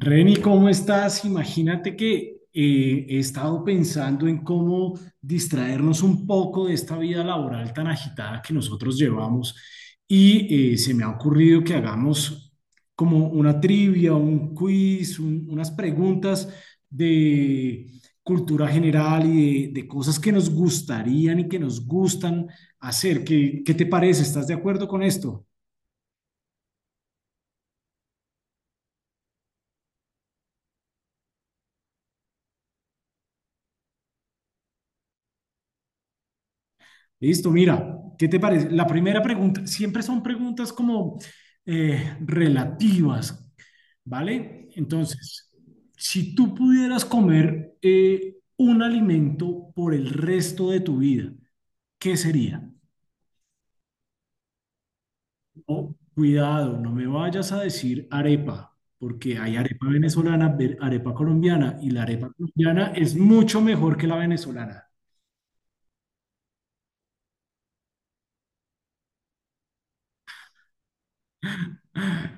Reni, ¿cómo estás? Imagínate que he estado pensando en cómo distraernos un poco de esta vida laboral tan agitada que nosotros llevamos y se me ha ocurrido que hagamos como una trivia, un quiz, unas preguntas de cultura general y de cosas que nos gustarían y que nos gustan hacer. ¿Qué te parece? ¿Estás de acuerdo con esto? Listo, mira, ¿qué te parece? La primera pregunta, siempre son preguntas como relativas, ¿vale? Entonces, si tú pudieras comer un alimento por el resto de tu vida, ¿qué sería? Oh, cuidado, no me vayas a decir arepa, porque hay arepa venezolana, arepa colombiana, y la arepa colombiana es mucho mejor que la venezolana.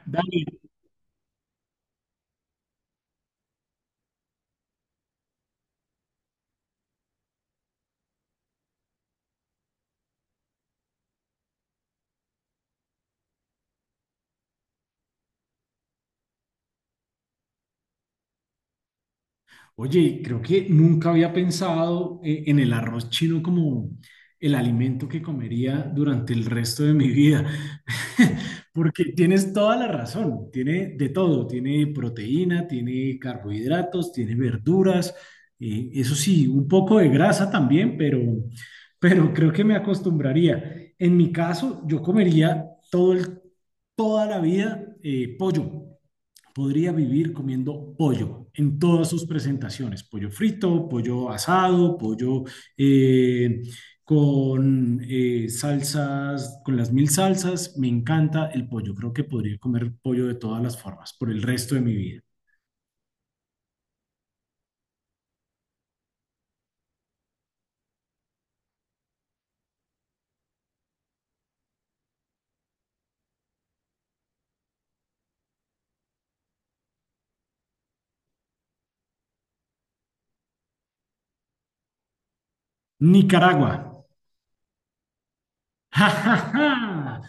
Dale. Oye, creo que nunca había pensado en el arroz chino como el alimento que comería durante el resto de mi vida, porque tienes toda la razón, tiene de todo, tiene proteína, tiene carbohidratos, tiene verduras, eso sí, un poco de grasa también, pero creo que me acostumbraría. En mi caso, yo comería todo el, toda la vida, pollo, podría vivir comiendo pollo en todas sus presentaciones, pollo frito, pollo asado, pollo eh, con salsas, con las mil salsas, me encanta el pollo, creo que podría comer pollo de todas las formas por el resto de mi vida. Nicaragua. ¡Ja, ja, ja!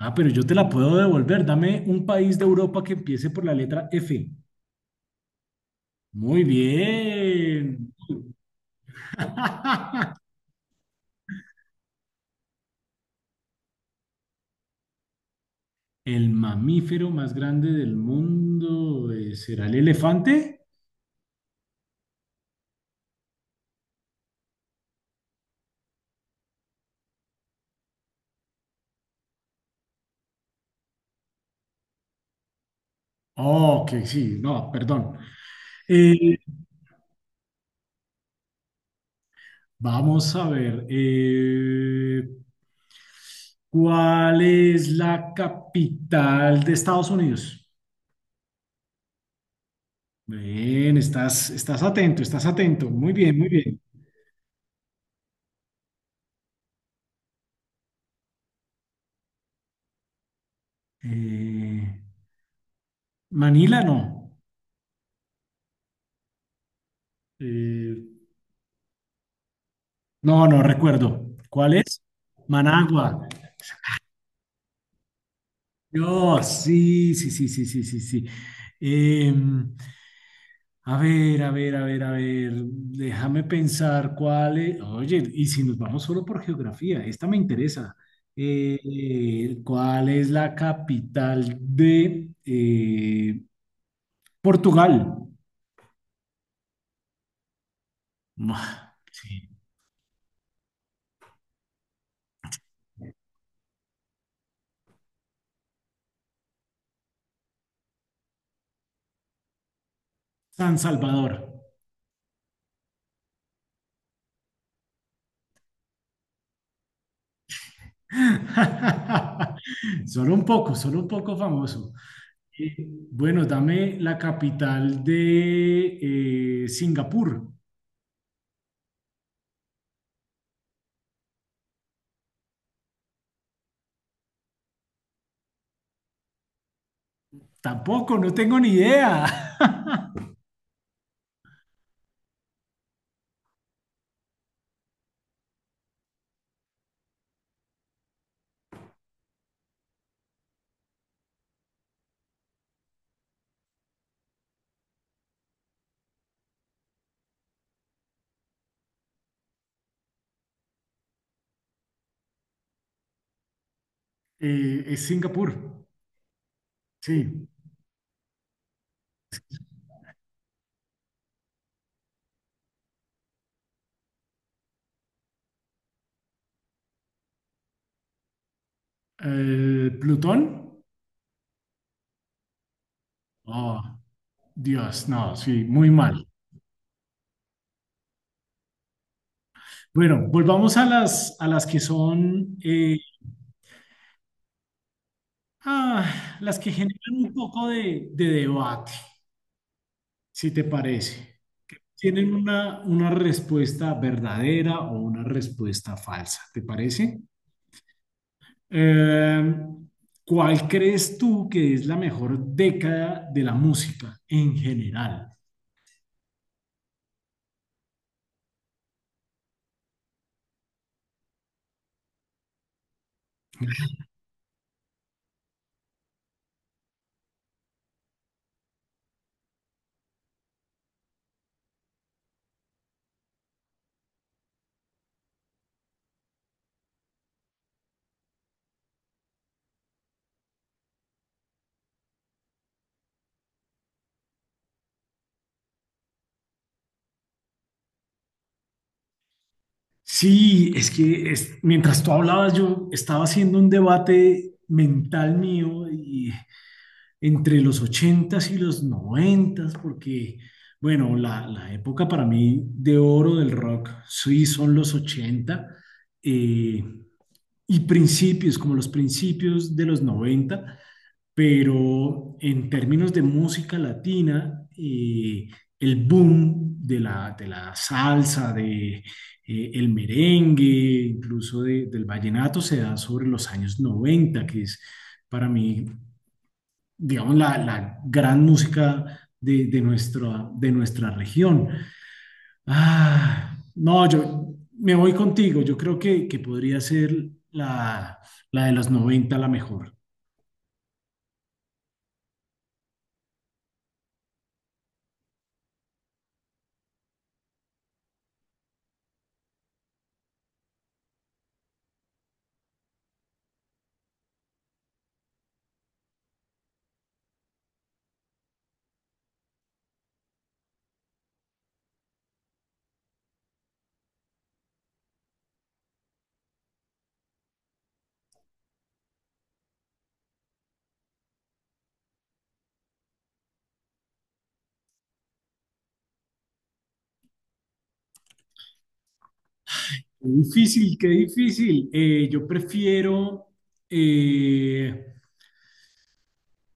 Ah, pero yo te la puedo devolver. Dame un país de Europa que empiece por la letra F. Muy bien. El mamífero más grande del mundo será el elefante. Oh, que sí, no, perdón. Eh, Vamos a ver. ¿Cuál es la capital de Estados Unidos? Bien, estás atento, estás atento. Muy bien, muy bien. Eh, Manila no. Eh, no, no recuerdo. ¿Cuál es? Managua. No, sí, sí, sí, sí, sí, sí, sí. Em, a ver, a ver, a ver, a ver, déjame pensar cuál es. Oye, y si nos vamos solo por geografía, esta me interesa. ¿Cuál es la capital de Portugal? Mua, sí. San Salvador. Solo un poco famoso. Bueno, dame la capital de Singapur. Tampoco, no tengo ni idea. Es Singapur, sí. El Plutón. Oh, Dios, no, sí, muy mal. Bueno, volvamos a las que son, las que generan un poco de debate, si te parece. Tienen una respuesta verdadera o una respuesta falsa, ¿te parece? Eh, ¿Cuál crees tú que es la mejor década de la música en general? Sí, es que mientras tú hablabas, yo estaba haciendo un debate mental mío y entre los ochentas y los noventas porque, bueno, la época para mí de oro del rock, sí, son los 80 eh, y principios, como los principios de los noventa, pero en términos de música latina, el boom de la salsa, el merengue, incluso del vallenato, se da sobre los años noventa, que es, para mí, digamos, la gran música de nuestra región. Ah, no, yo me voy contigo, yo creo que podría ser la, la de los 90 la mejor. Qué difícil, qué difícil. Eh,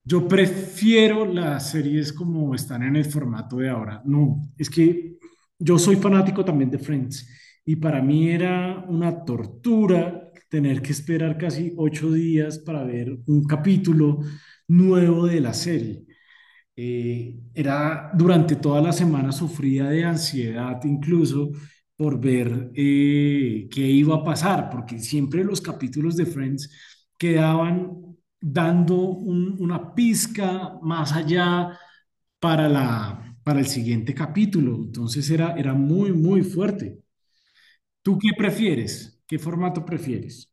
yo prefiero las series como están en el formato de ahora. No, es que yo soy fanático también de Friends y para mí era una tortura tener que esperar casi 8 días para ver un capítulo nuevo de la serie. Era, durante toda la semana, sufría de ansiedad incluso por ver qué iba a pasar, porque siempre los capítulos de Friends quedaban dando una pizca más allá para el siguiente capítulo. Entonces era muy, muy fuerte. ¿Tú qué prefieres? ¿Qué formato prefieres?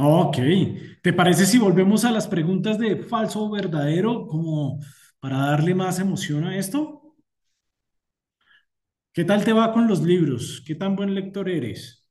Ok, ¿te parece si volvemos a las preguntas de falso o verdadero como para darle más emoción a esto? ¿Qué tal te va con los libros? ¿Qué tan buen lector eres?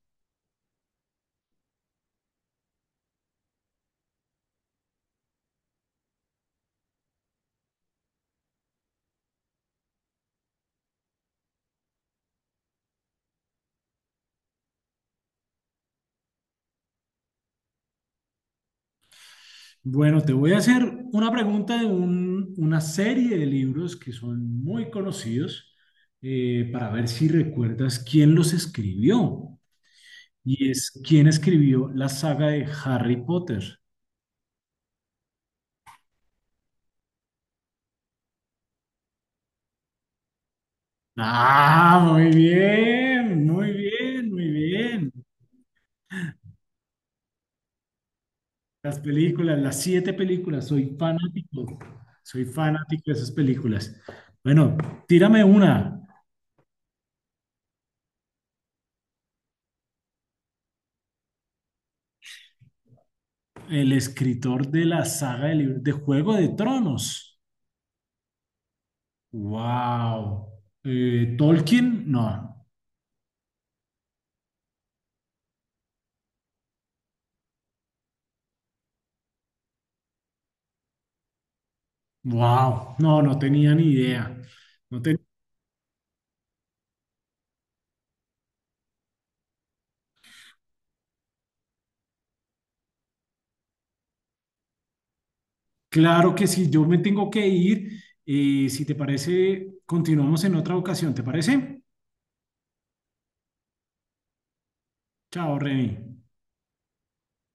Bueno, te voy a hacer una pregunta de una serie de libros que son muy conocidos para ver si recuerdas quién los escribió. Y es, ¿quién escribió la saga de Harry Potter? Ah, muy bien, muy bien, muy bien. Las películas, las siete películas, soy fanático de esas películas. Bueno, tírame una, el escritor de la saga de libros de Juego de Tronos. Wow. Tolkien, no. Wow, no, no tenía ni idea. No te- Claro que sí, yo me tengo que ir. Si te parece, continuamos en otra ocasión, ¿te parece? Chao, Reni.